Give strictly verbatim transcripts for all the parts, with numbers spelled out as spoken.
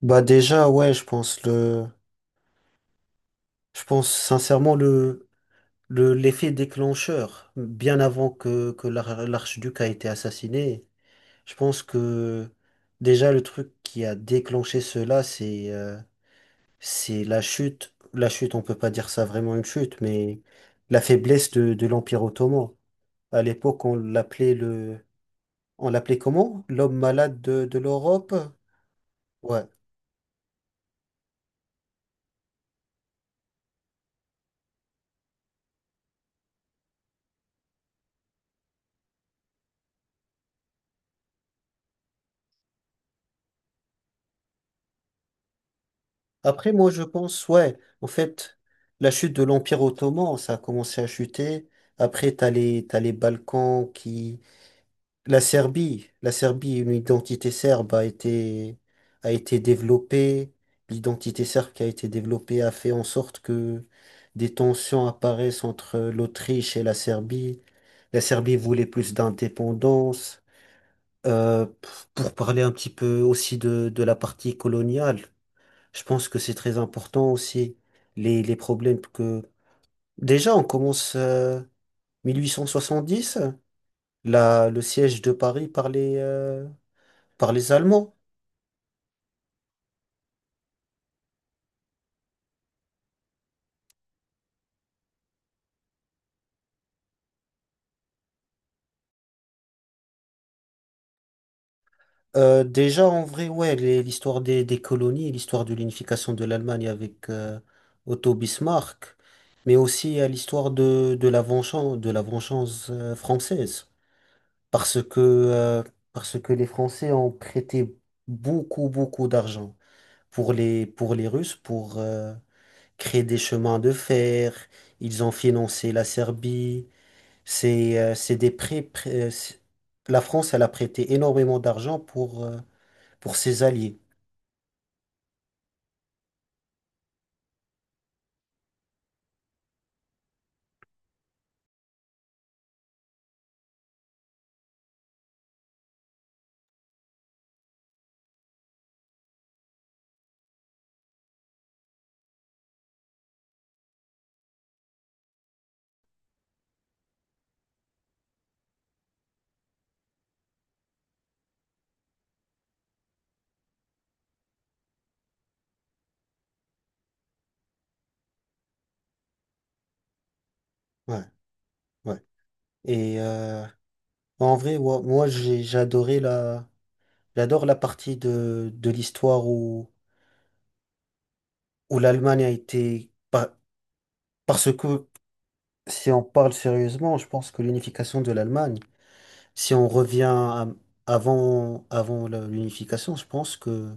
Bah déjà, ouais, je pense le, je pense sincèrement le, le, l'effet déclencheur, bien avant que, que l'ar- l'archiduc a été assassiné, je pense que déjà le truc qui a déclenché cela, c'est euh, c'est la chute. La chute, on peut pas dire ça vraiment une chute, mais la faiblesse de, de l'Empire ottoman. À l'époque, on l'appelait le, on l'appelait comment? L'homme malade de, de l'Europe? Ouais. Après, moi, je pense, ouais, en fait, la chute de l'Empire ottoman, ça a commencé à chuter. Après, t'as les, t'as les Balkans qui... La Serbie, la Serbie, une identité serbe a été, a été développée. L'identité serbe qui a été développée a fait en sorte que des tensions apparaissent entre l'Autriche et la Serbie. La Serbie voulait plus d'indépendance. Euh, p- pour parler un petit peu aussi de, de la partie coloniale. Je pense que c'est très important aussi, les, les problèmes que... Déjà, on commence euh, mille huit cent soixante-dix, la, le siège de Paris par les, euh, par les Allemands. Euh, déjà, en vrai, ouais, les- l'histoire des, des colonies, l'histoire de l'unification de l'Allemagne avec euh, Otto Bismarck, mais aussi à l'histoire de, de la vengeance, de la vengeance euh, française. Parce que, euh, parce que les Français ont prêté beaucoup, beaucoup d'argent pour les, pour les Russes pour euh, créer des chemins de fer. Ils ont financé la Serbie. C'est euh, c'est des prêts. Prêts- euh, c'est- la France, elle a prêté énormément d'argent pour, euh, pour ses alliés. Ouais, ouais. Et euh, en vrai, ouais, moi, j'ai j'ai adoré la, j'adore la partie de, de l'histoire où, où l'Allemagne a été. par- Parce que si on parle sérieusement, je pense que l'unification de l'Allemagne. Si on revient à- Avant, avant la- l'unification, je pense que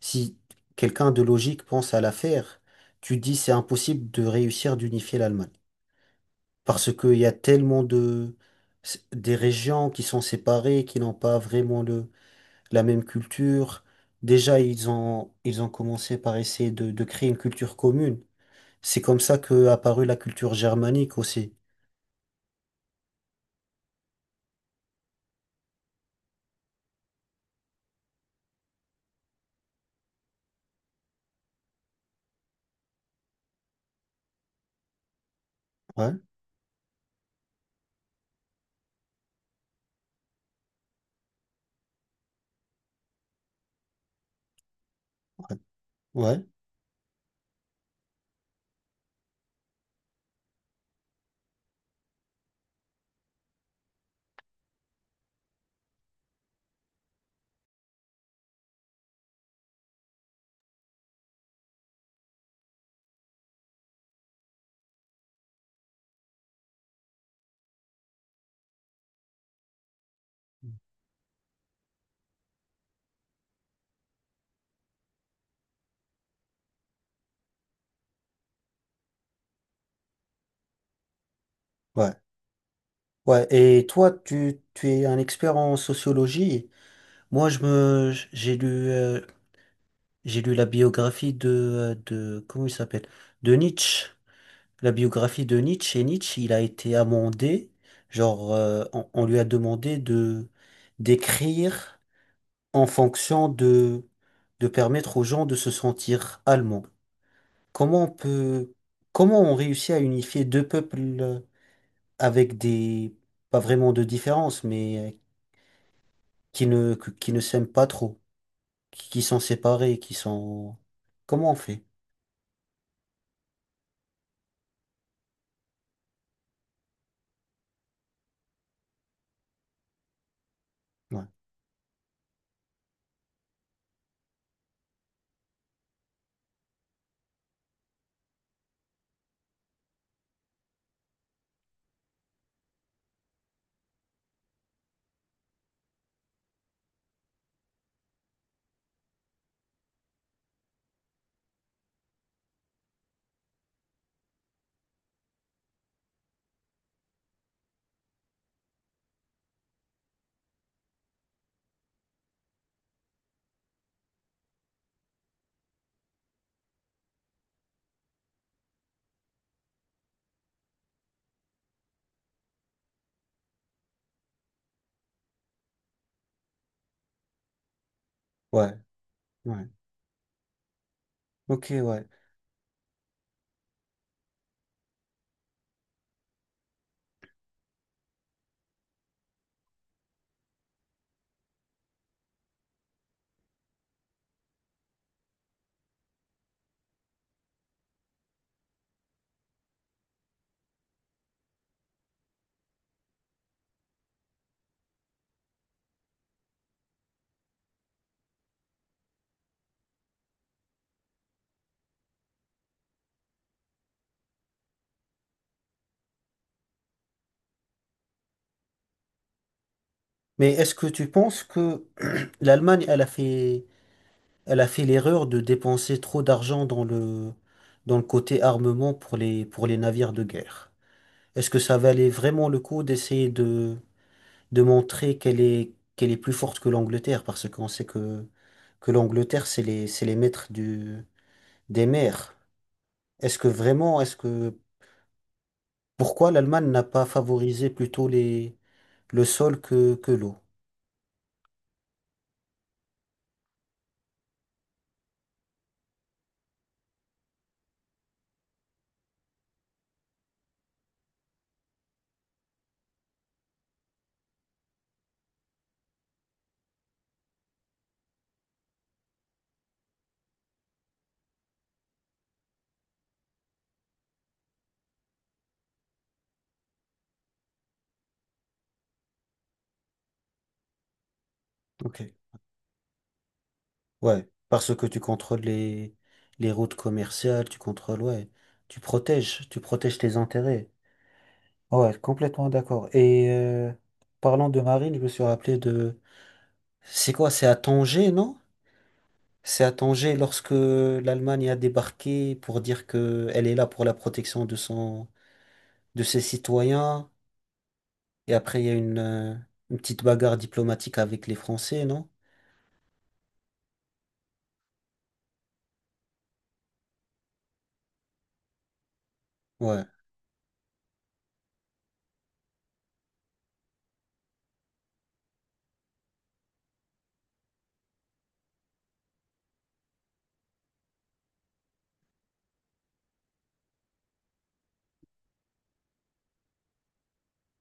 si quelqu'un de logique pense à l'affaire, tu dis c'est impossible de réussir d'unifier l'Allemagne. Parce qu'il y a tellement de, des régions qui sont séparées, qui n'ont pas vraiment le, la même culture. Déjà, ils ont, ils ont commencé par essayer de, de créer une culture commune. C'est comme ça qu'est apparue la culture germanique aussi. Ouais, ouais, ouais. Ouais. Ouais, et toi, tu, tu es un expert en sociologie. Moi, je me, j'ai lu, euh, j'ai lu la biographie de, euh, de, comment il s'appelle? De Nietzsche. La biographie de Nietzsche. Et Nietzsche, il a été amendé. Genre, euh, on, on lui a demandé de, d'écrire en fonction de, de permettre aux gens de se sentir allemands. Comment on peut, comment on réussit à unifier deux peuples euh, avec des, pas vraiment de différence, mais qui ne, que- qui ne s'aiment pas trop, qui, qui sont séparés, qui sont... Comment on fait? Ouais, ouais, ouais. Ok, ouais. Mais est-ce que tu penses que l'Allemagne, elle a fait, elle a fait l'erreur de dépenser trop d'argent dans le, dans le côté armement pour les, pour les navires de guerre? Est-ce que ça valait vraiment le coup d'essayer de, de montrer qu'elle est, qu'elle est plus forte que l'Angleterre? Parce qu'on sait que, que l'Angleterre, c'est les, c'est les maîtres du, des mers. Est-ce que vraiment, est-ce que Pourquoi l'Allemagne n'a pas favorisé plutôt les, le sol que, que l'eau? Ok. Ouais, parce que tu contrôles les, les routes commerciales, tu contrôles, ouais, tu protèges, tu protèges tes intérêts. Ouais, complètement d'accord. Et euh, parlant de marine, je me suis rappelé de... C'est quoi? C'est à Tanger, non? C'est à Tanger lorsque l'Allemagne a débarqué pour dire que elle est là pour la protection de son, de ses citoyens. Et après, il y a une, euh, une petite bagarre diplomatique avec les Français, non? Ouais,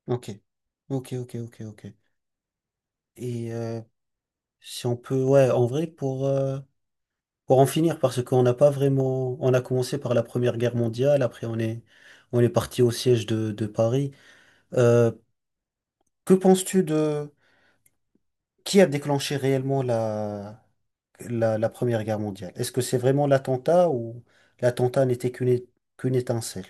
ok. Ok, ok, ok, ok. Et euh, si on peut, ouais, en vrai, pour, euh, pour en finir, parce qu'on n'a pas vraiment. On a commencé par la Première Guerre mondiale, après on est, on est parti au siège de, de Paris. Euh, que penses-tu de. Qui a déclenché réellement la, la, la Première Guerre mondiale? Est-ce que c'est vraiment l'attentat ou l'attentat n'était qu'une é- qu'une étincelle?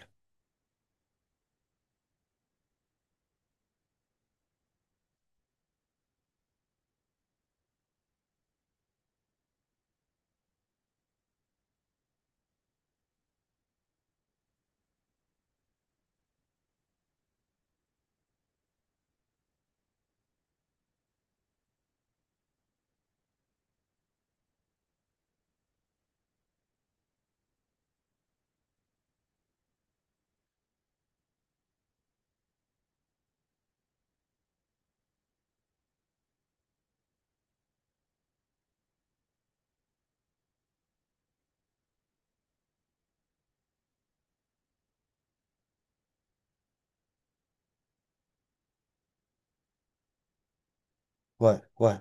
Ouais, ouais,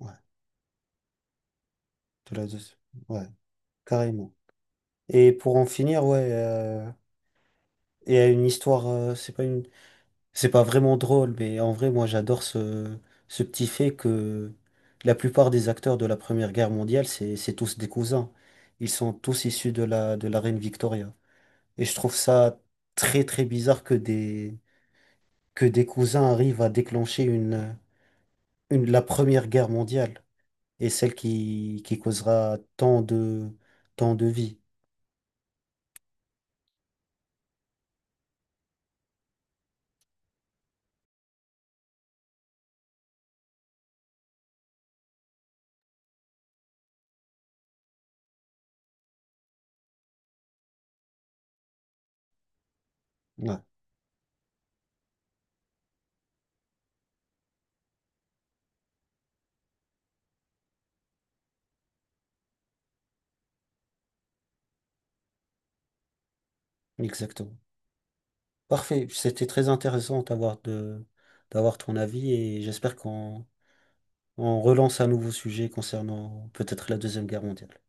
ouais. De la deuxi- Ouais, carrément. Et pour en finir, ouais. euh, et à une histoire, euh, c'est pas une C'est pas vraiment drôle, mais en vrai, moi, j'adore ce, ce petit fait que la plupart des acteurs de la Première Guerre mondiale, c'est, c'est tous des cousins. Ils sont tous issus de la, de la reine Victoria. Et je trouve ça très, très bizarre que des, que des cousins arrivent à déclencher une, une, la Première Guerre mondiale et celle qui, qui causera tant de, tant de vies. Ouais, exactement. Parfait. C'était très intéressant d'avoir de, d'avoir ton avis et j'espère qu'on On relance un nouveau sujet concernant peut-être la Deuxième Guerre mondiale.